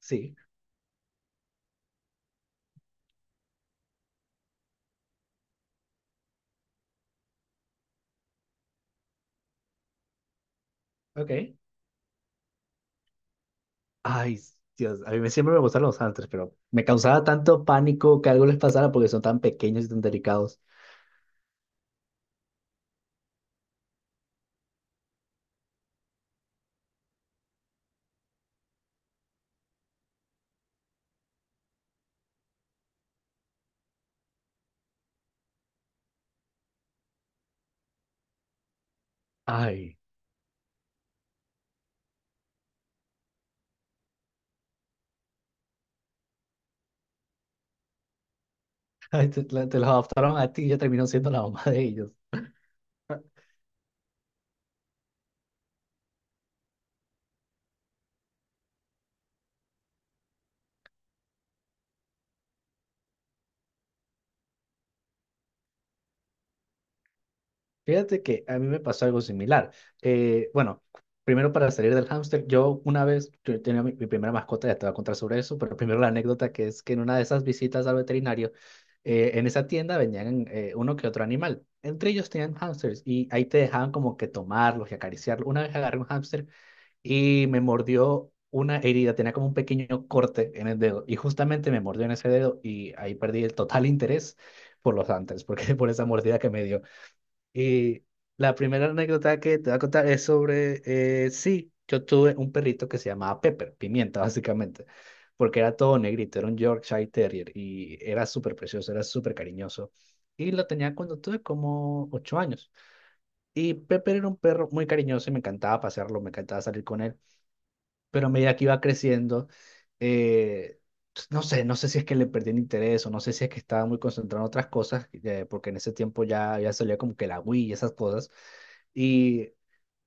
Sí, ok. Ay, Dios, siempre me gustan los ángeles, pero me causaba tanto pánico que algo les pasara porque son tan pequeños y tan delicados. Ay, ay, te los adoptaron a ti y ya terminó siendo la mamá de ellos. Fíjate que a mí me pasó algo similar. Bueno, primero para salir del hámster, yo tenía mi primera mascota, ya te voy a contar sobre eso, pero primero la anécdota, que es que en una de esas visitas al veterinario, en esa tienda venían uno que otro animal. Entre ellos tenían hámsters y ahí te dejaban como que tomarlos y acariciarlos. Una vez agarré un hámster y me mordió. Una herida, tenía como un pequeño corte en el dedo y justamente me mordió en ese dedo y ahí perdí el total interés por los hámsters, porque por esa mordida que me dio. Y la primera anécdota que te voy a contar es sobre, sí, yo tuve un perrito que se llamaba Pepper, pimienta básicamente, porque era todo negrito, era un Yorkshire Terrier y era súper precioso, era súper cariñoso. Y lo tenía cuando tuve como ocho años. Y Pepper era un perro muy cariñoso y me encantaba pasearlo, me encantaba salir con él, pero a medida que iba creciendo, eh, pues, no sé, no sé si es que le perdí el interés o no sé si es que estaba muy concentrado en otras cosas, porque en ese tiempo ya salía como que la Wii y esas cosas y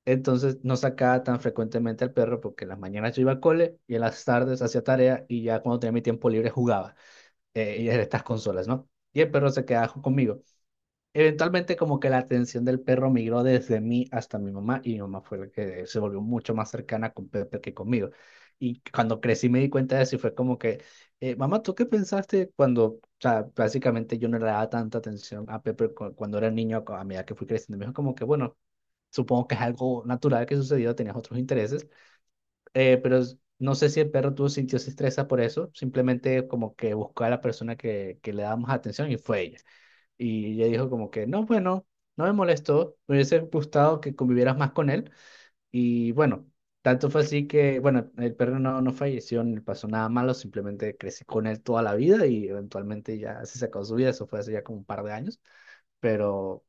entonces no sacaba tan frecuentemente al perro, porque en las mañanas yo iba al cole y en las tardes hacía tarea y ya cuando tenía mi tiempo libre jugaba y en estas consolas, ¿no? Y el perro se quedaba conmigo. Eventualmente, como que la atención del perro migró desde mí hasta mi mamá, y mi mamá fue la que se volvió mucho más cercana con Pepe que conmigo. Y cuando crecí me di cuenta de eso y fue como que, mamá, ¿tú qué pensaste cuando, o sea, básicamente yo no le daba tanta atención a Pepe cuando era niño, a medida que fui creciendo? Me dijo como que, bueno, supongo que es algo natural que sucedió, tenías otros intereses, pero no sé si el perro tuvo sintió se estresa por eso, simplemente como que buscó a la persona que le daba más atención, y fue ella. Y ella dijo como que, no, bueno, no me molestó, me hubiese gustado que convivieras más con él. Y bueno, tanto fue así que, bueno, el perro no, no falleció, ni le pasó nada malo, simplemente crecí con él toda la vida y eventualmente ya se sacó su vida, eso fue hace ya como un par de años, pero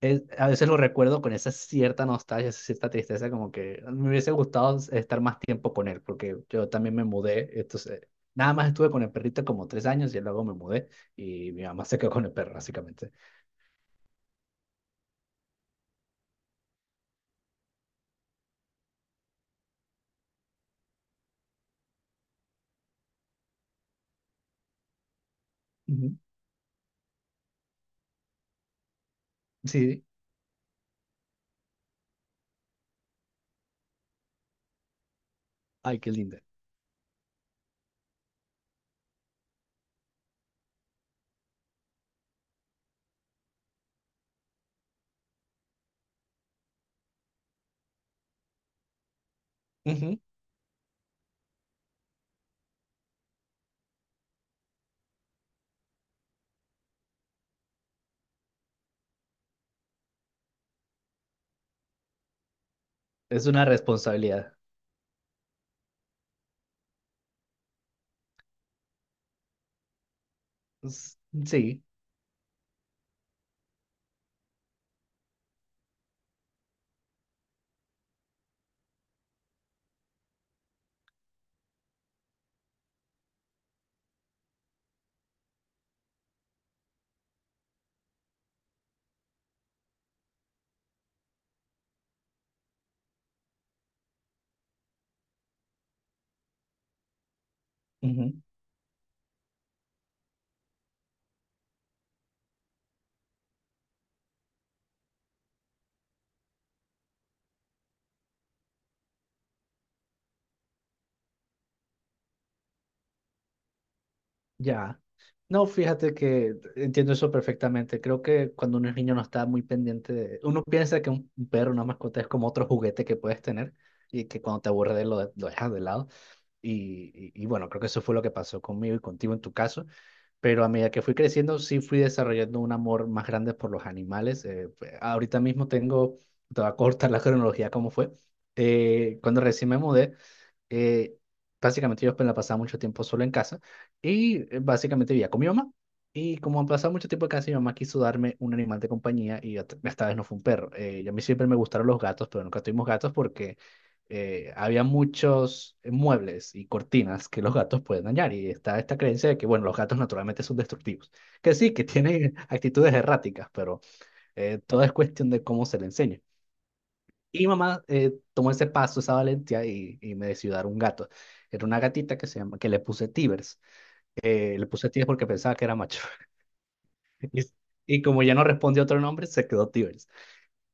a veces lo recuerdo con esa cierta nostalgia, esa cierta tristeza, como que me hubiese gustado estar más tiempo con él, porque yo también me mudé, entonces nada más estuve con el perrito como tres años y luego me mudé y mi mamá se quedó con el perro, básicamente. Ujú. Sí, ay, qué linda. Ujú. Es una responsabilidad. S- Sí. Ujú. Ya. No, fíjate que entiendo eso perfectamente. Creo que cuando uno es niño no está muy pendiente de... Uno piensa que un perro, una mascota es como otro juguete que puedes tener, y que cuando te aburre de él lo dejas de lado. Y bueno, creo que eso fue lo que pasó conmigo y contigo en tu caso. Pero a medida que fui creciendo, sí fui desarrollando un amor más grande por los animales. Pues, ahorita mismo tengo, te voy a cortar la cronología como fue. Cuando recién me mudé, eh, básicamente yo pues, la pasaba mucho tiempo solo en casa, y básicamente vivía con mi mamá. Y como pasaba mucho tiempo en casa, mi mamá quiso darme un animal de compañía, y esta vez no fue un perro. Y a mí siempre me gustaron los gatos, pero nunca tuvimos gatos porque había muchos muebles y cortinas que los gatos pueden dañar. Y está esta creencia de que, bueno, los gatos naturalmente son destructivos. Que sí, que tienen actitudes erráticas, pero todo es cuestión de cómo se le enseña. Y mamá tomó ese paso, esa valentía, y me decidió dar un gato. Era una gatita que que le puse Tibers. Le puse Tibers porque pensaba que era macho. Y como ya no respondió otro nombre, se quedó Tibers.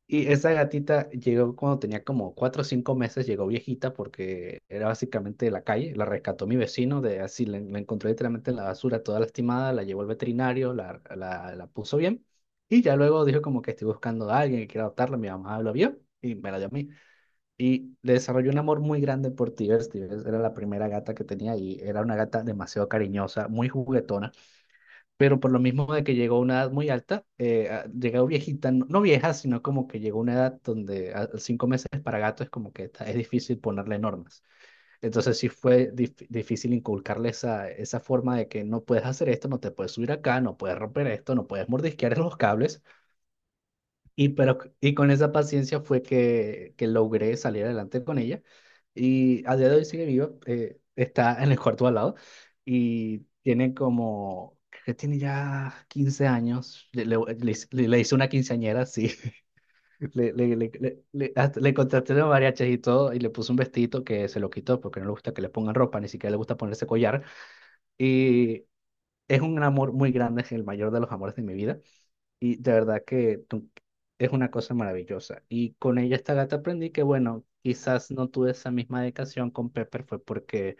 Y esa gatita llegó cuando tenía como cuatro o cinco meses, llegó viejita porque era básicamente de la calle. La rescató mi vecino, de así la encontró literalmente en la basura, toda lastimada, la llevó al veterinario, la puso bien. Y ya luego dijo como que estoy buscando a alguien que quiera adoptarla. Mi mamá lo vio y me la dio a mí. Y le desarrollé un amor muy grande por Tigers. Tigers era la primera gata que tenía y era una gata demasiado cariñosa, muy juguetona, pero por lo mismo de que llegó a una edad muy alta, llegó viejita, no, no vieja, sino como que llegó a una edad donde cinco meses para gato es como que es difícil ponerle normas. Entonces sí fue difícil inculcarle esa forma de que no puedes hacer esto, no te puedes subir acá, no puedes romper esto, no puedes mordisquear los cables. Pero con esa paciencia fue que logré salir adelante con ella. Y a día de hoy sigue viva, está en el cuarto al lado y tiene como, creo que tiene ya 15 años. Le hice una quinceañera, sí. Hasta le contraté los mariachis y todo y le puse un vestidito que se lo quitó porque no le gusta que le pongan ropa, ni siquiera le gusta ponerse collar. Y es un amor muy grande, es el mayor de los amores de mi vida. Y de verdad que es una cosa maravillosa. Y con ella, esta gata, aprendí que, bueno, quizás no tuve esa misma dedicación con Pepper, fue porque,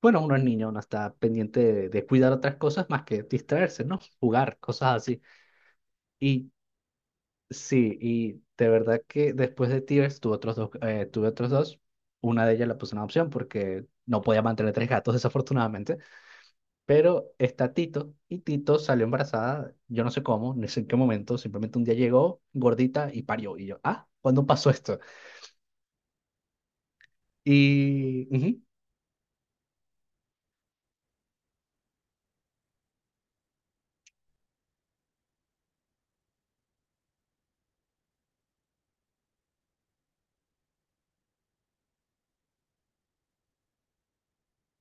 bueno, uno es niño, uno está pendiente de cuidar otras cosas más que distraerse, ¿no? Jugar, cosas así. Y sí, y de verdad que después de Tears tuve otros dos, tuve otros dos. Una de ellas la puse en adopción porque no podía mantener tres gatos, desafortunadamente. Pero está Tito, y Tito salió embarazada, yo no sé cómo, no sé en qué momento, simplemente un día llegó gordita y parió. Y yo, ah, ¿cuándo pasó esto? Y, ujú,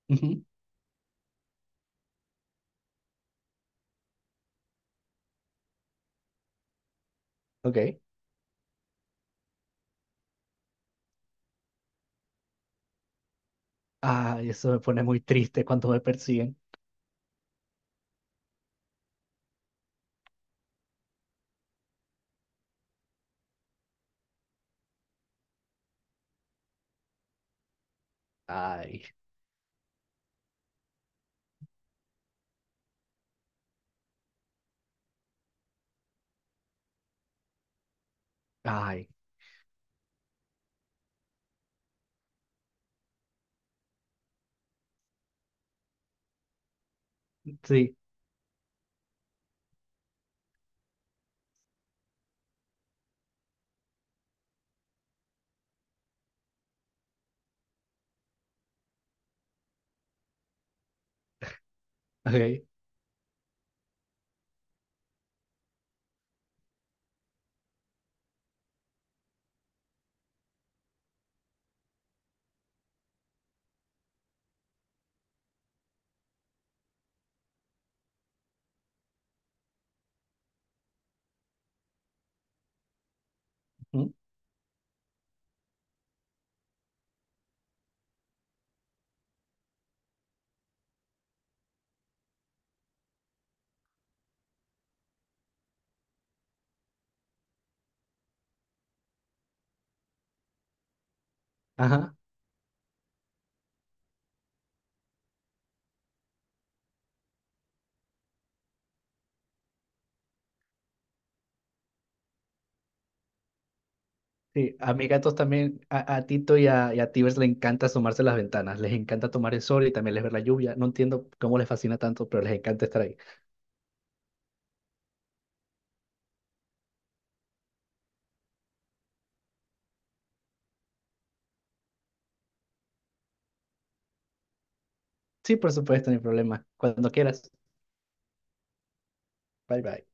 ujú, ok. Ay, eso me pone muy triste cuando me persiguen. Ay, ay, sí, ok. Ujú. Ajá. Sí, a mis gatos también, a Tito y a Tibers le encanta asomarse a las ventanas, les encanta tomar el sol y también les ver la lluvia. No entiendo cómo les fascina tanto, pero les encanta estar ahí. Sí, por supuesto, no hay problema. Cuando quieras. Bye bye.